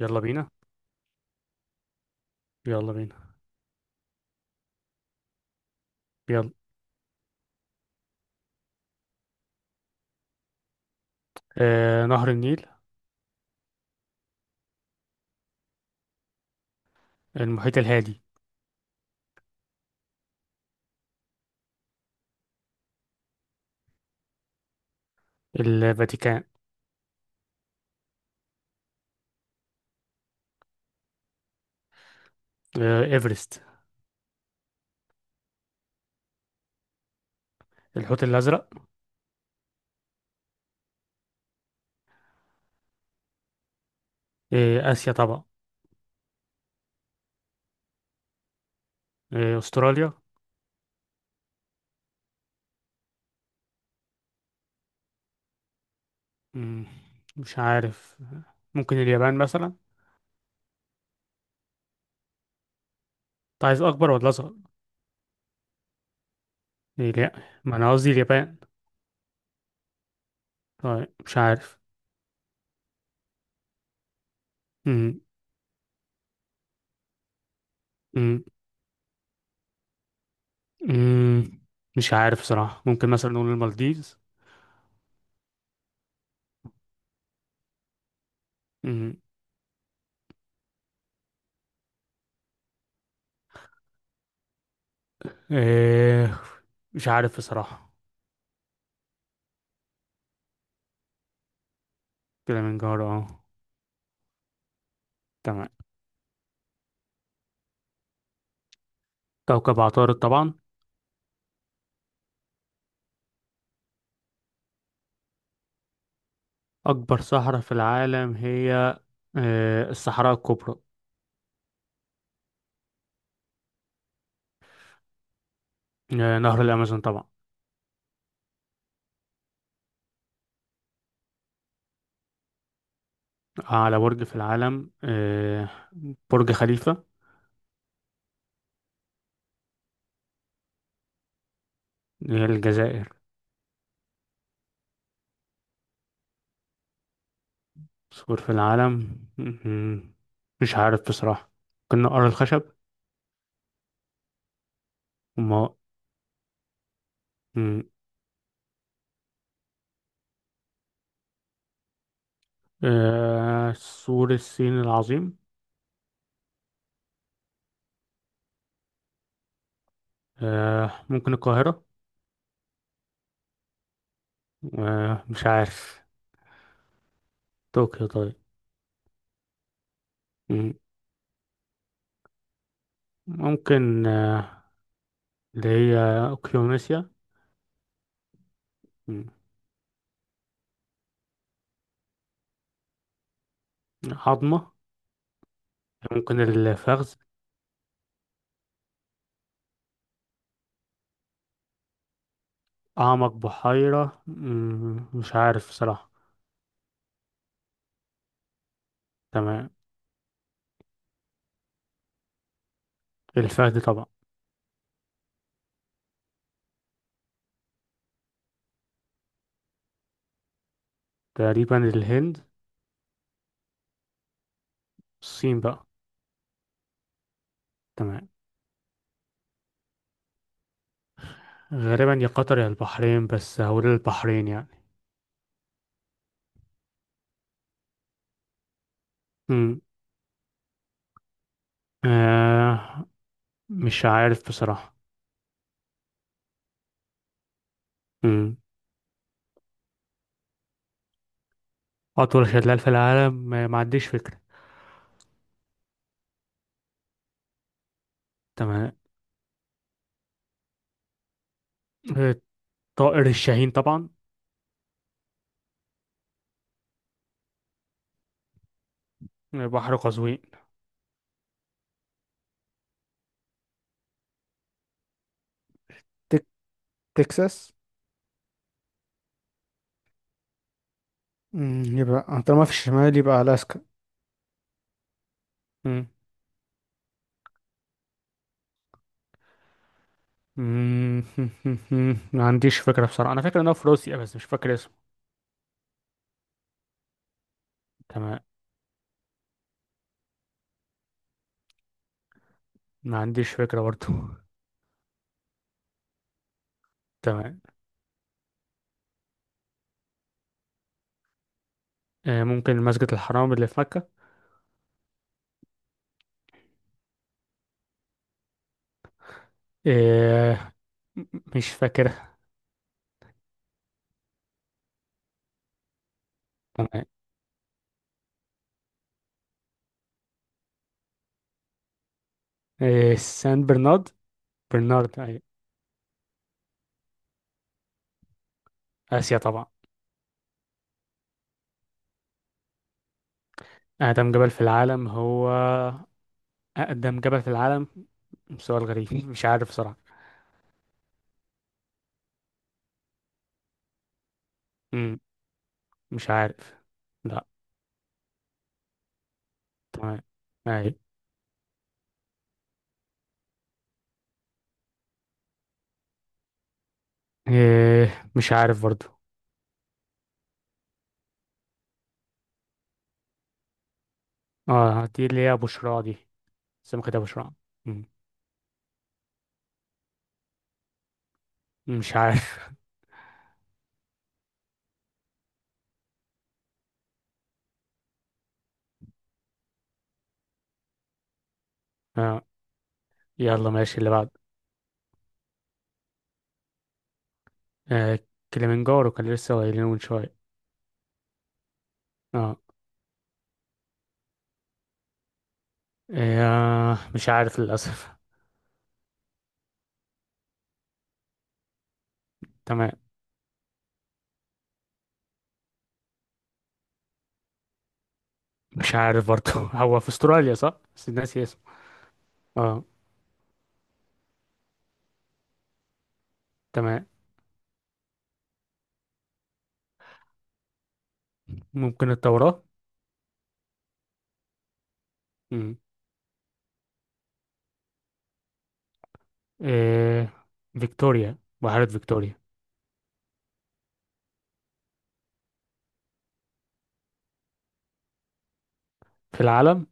يلا بينا. يلا بينا. يلا. نهر النيل. المحيط الهادي. الفاتيكان. إيفرست. الحوت الأزرق. آسيا طبعا. أستراليا. مم، مش عارف، ممكن اليابان مثلا. انت عايز أكبر ولا أصغر؟ إيه، لا، ما أنا قصدي اليابان. طيب، مش عارف. مم. مم. مم. مش عارف بصراحة، ممكن مثلا نقول المالديفز. مم. آه مش عارف بصراحة. كده من جوه، اه. تمام. كوكب عطارد طبعا. أكبر صحراء في العالم هي الصحراء الكبرى. نهر الأمازون طبعا. أعلى برج في العالم، برج خليفة. اللي هي الجزائر. سور في العالم. م- مش عارف بصراحة. ممكن نقر الخشب وما م- سور الصين العظيم. ممكن القاهرة. مش عارف. طوكيو، طيب. م- ممكن اللي هي أوكيونيسيا. م- عظمة. ممكن الفخذ. أعمق بحيرة، مش عارف صراحة. تمام. الفهد طبعا. تقريبا الهند. الصين بقى. تمام، غالبا يا قطر يا البحرين، بس هقول البحرين يعني. مم. آه مش عارف بصراحة. مم. أطول شلال في العالم، ما عنديش فكرة. تمام. آه، طائر الشاهين طبعا. بحر قزوين. تك... تكساس. يبقى طالما في الشمال يبقى ألاسكا. مم. مم. ما عنديش فكرة بصراحة. أنا فاكر إنه في روسيا، بس مش فاكر. تمام. ما عنديش فكرة برضو. تمام. ممكن مسجد الحرام اللي في مكة. آه، م- مش فاكرها. تمام. آه، سان برنارد. برنارد، أيوة. آسيا طبعا. أقدم جبل في العالم هو أقدم جبل في العالم. سؤال غريب. مش عارف بصراحة. مم، مش عارف. لا. تمام. أيوة. آه، مش عارف برضو. اه، دي اللي هي بشرى دي. سمكة أبو شراع. مم، مش عارف. آه. يلا ماشي، اللي بعده. آه كليمنجارو، كان لسه قايلينه من شوية. اه. مش عارف للأسف. تمام. مش عارف برضه. هو في استراليا صح؟ بس الناس اسمه. اه. تمام. ممكن التوراة. مم. آه فيكتوريا، بحيرة فيكتوريا. في العالم.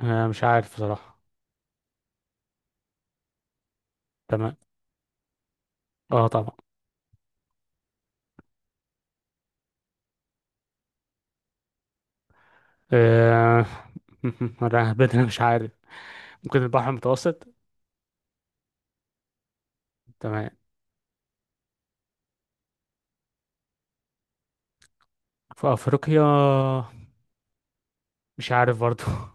مش عارف بصراحة. تمام. اه، طبعا. آه أنا بدنا مش عارف. ممكن البحر المتوسط. تمام. في أفريقيا. مش عارف برضه.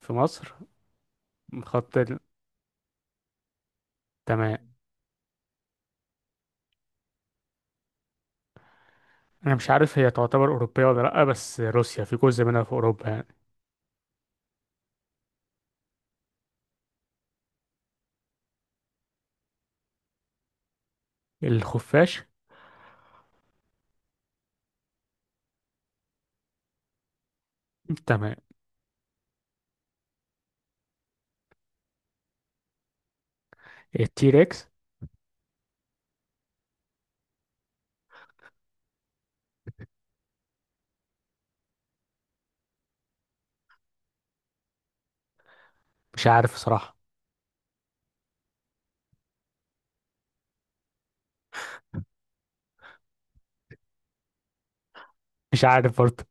في مصر. خط ال- تمام. انا مش عارف هي تعتبر اوروبيه ولا لا، بس روسيا في جزء منها في اوروبا يعني. الخفاش. تمام. التيركس. مش عارف صراحه. مش عارف برضه.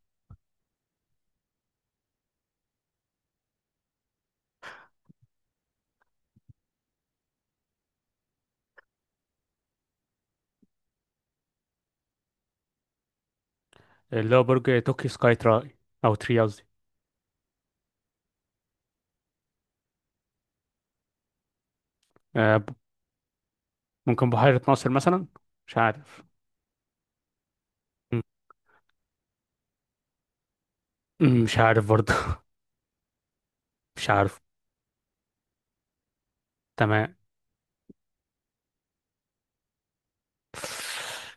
اللي هو برج توكي سكاي تراي، او تري قصدي. آه، ب- ممكن بحيره ناصر مثلا. مش عارف. م- مش عارف برضه. مش عارف. تمام.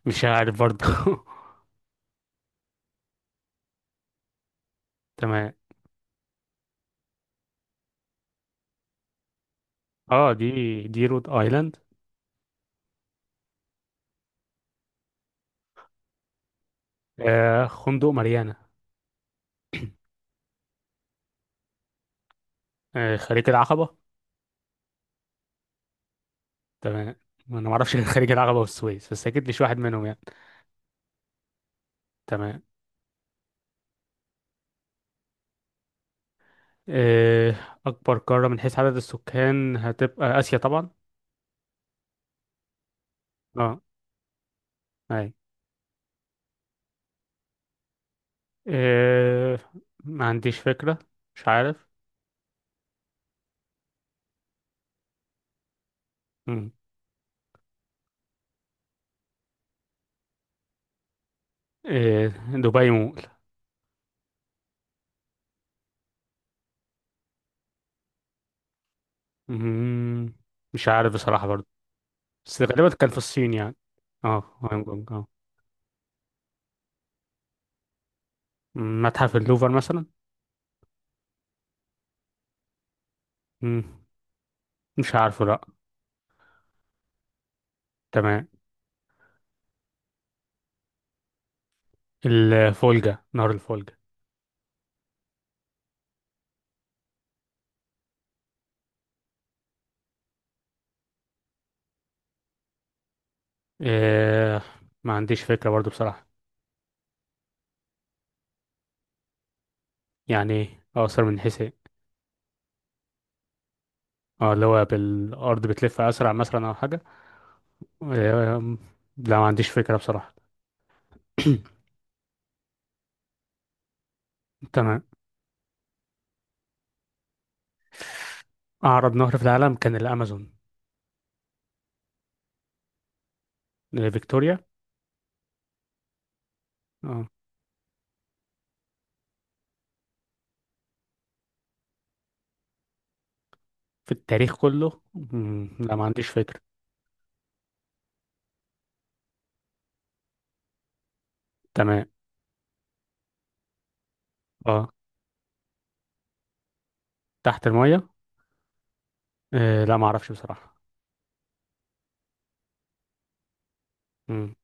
مش عارف برضه. تمام. اه، دي رود ايلاند. خندق ماريانا. خليج العقبه. تمام. انا ما اعرفش غير خليج العقبه والسويس، بس اكيد مش واحد منهم يعني. تمام. آه، أكبر قارة من حيث عدد السكان هتبقى آسيا طبعا. اه. أي. آه، ما عنديش فكرة. مش عارف. مم. آه، دبي مول. مم، مش عارف بصراحة برضو. بس غالبا كان في الصين يعني. اه، هونج كونج. اه. متحف اللوفر مثلا. مم، مش عارفه، لأ. تمام. الفولجا، نهر الفولجا. آه، ما عنديش فكرة برضو بصراحة. يعني إيه أقصر، من حيث ايه؟ اه، اللي هو بالأرض بتلف أسرع مثلا أو حاجة. آه، لا، ما عنديش فكرة بصراحة. تمام. أعرض نهر في العالم كان الأمازون. فيكتوريا. اه. في التاريخ كله، لا، ما عنديش فكرة. تمام. اه، تحت المية. لا، ما أعرفش بصراحة. مم.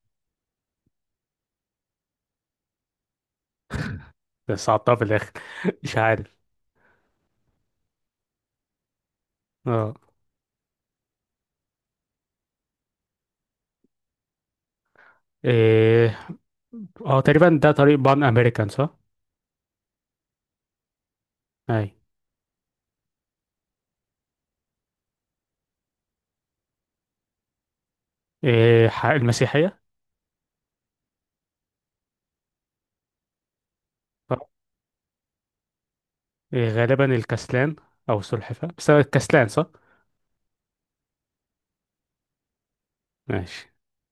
بس صعبتها في الآخر. مش عارف. اه. إيه، اه، تقريبا ده طريق بان أمريكان، صح؟ أي. إيه، المسيحية. صح؟ إيه، غالبا الكسلان أو السلحفاة، بس هو الكسلان صح؟ ماشي.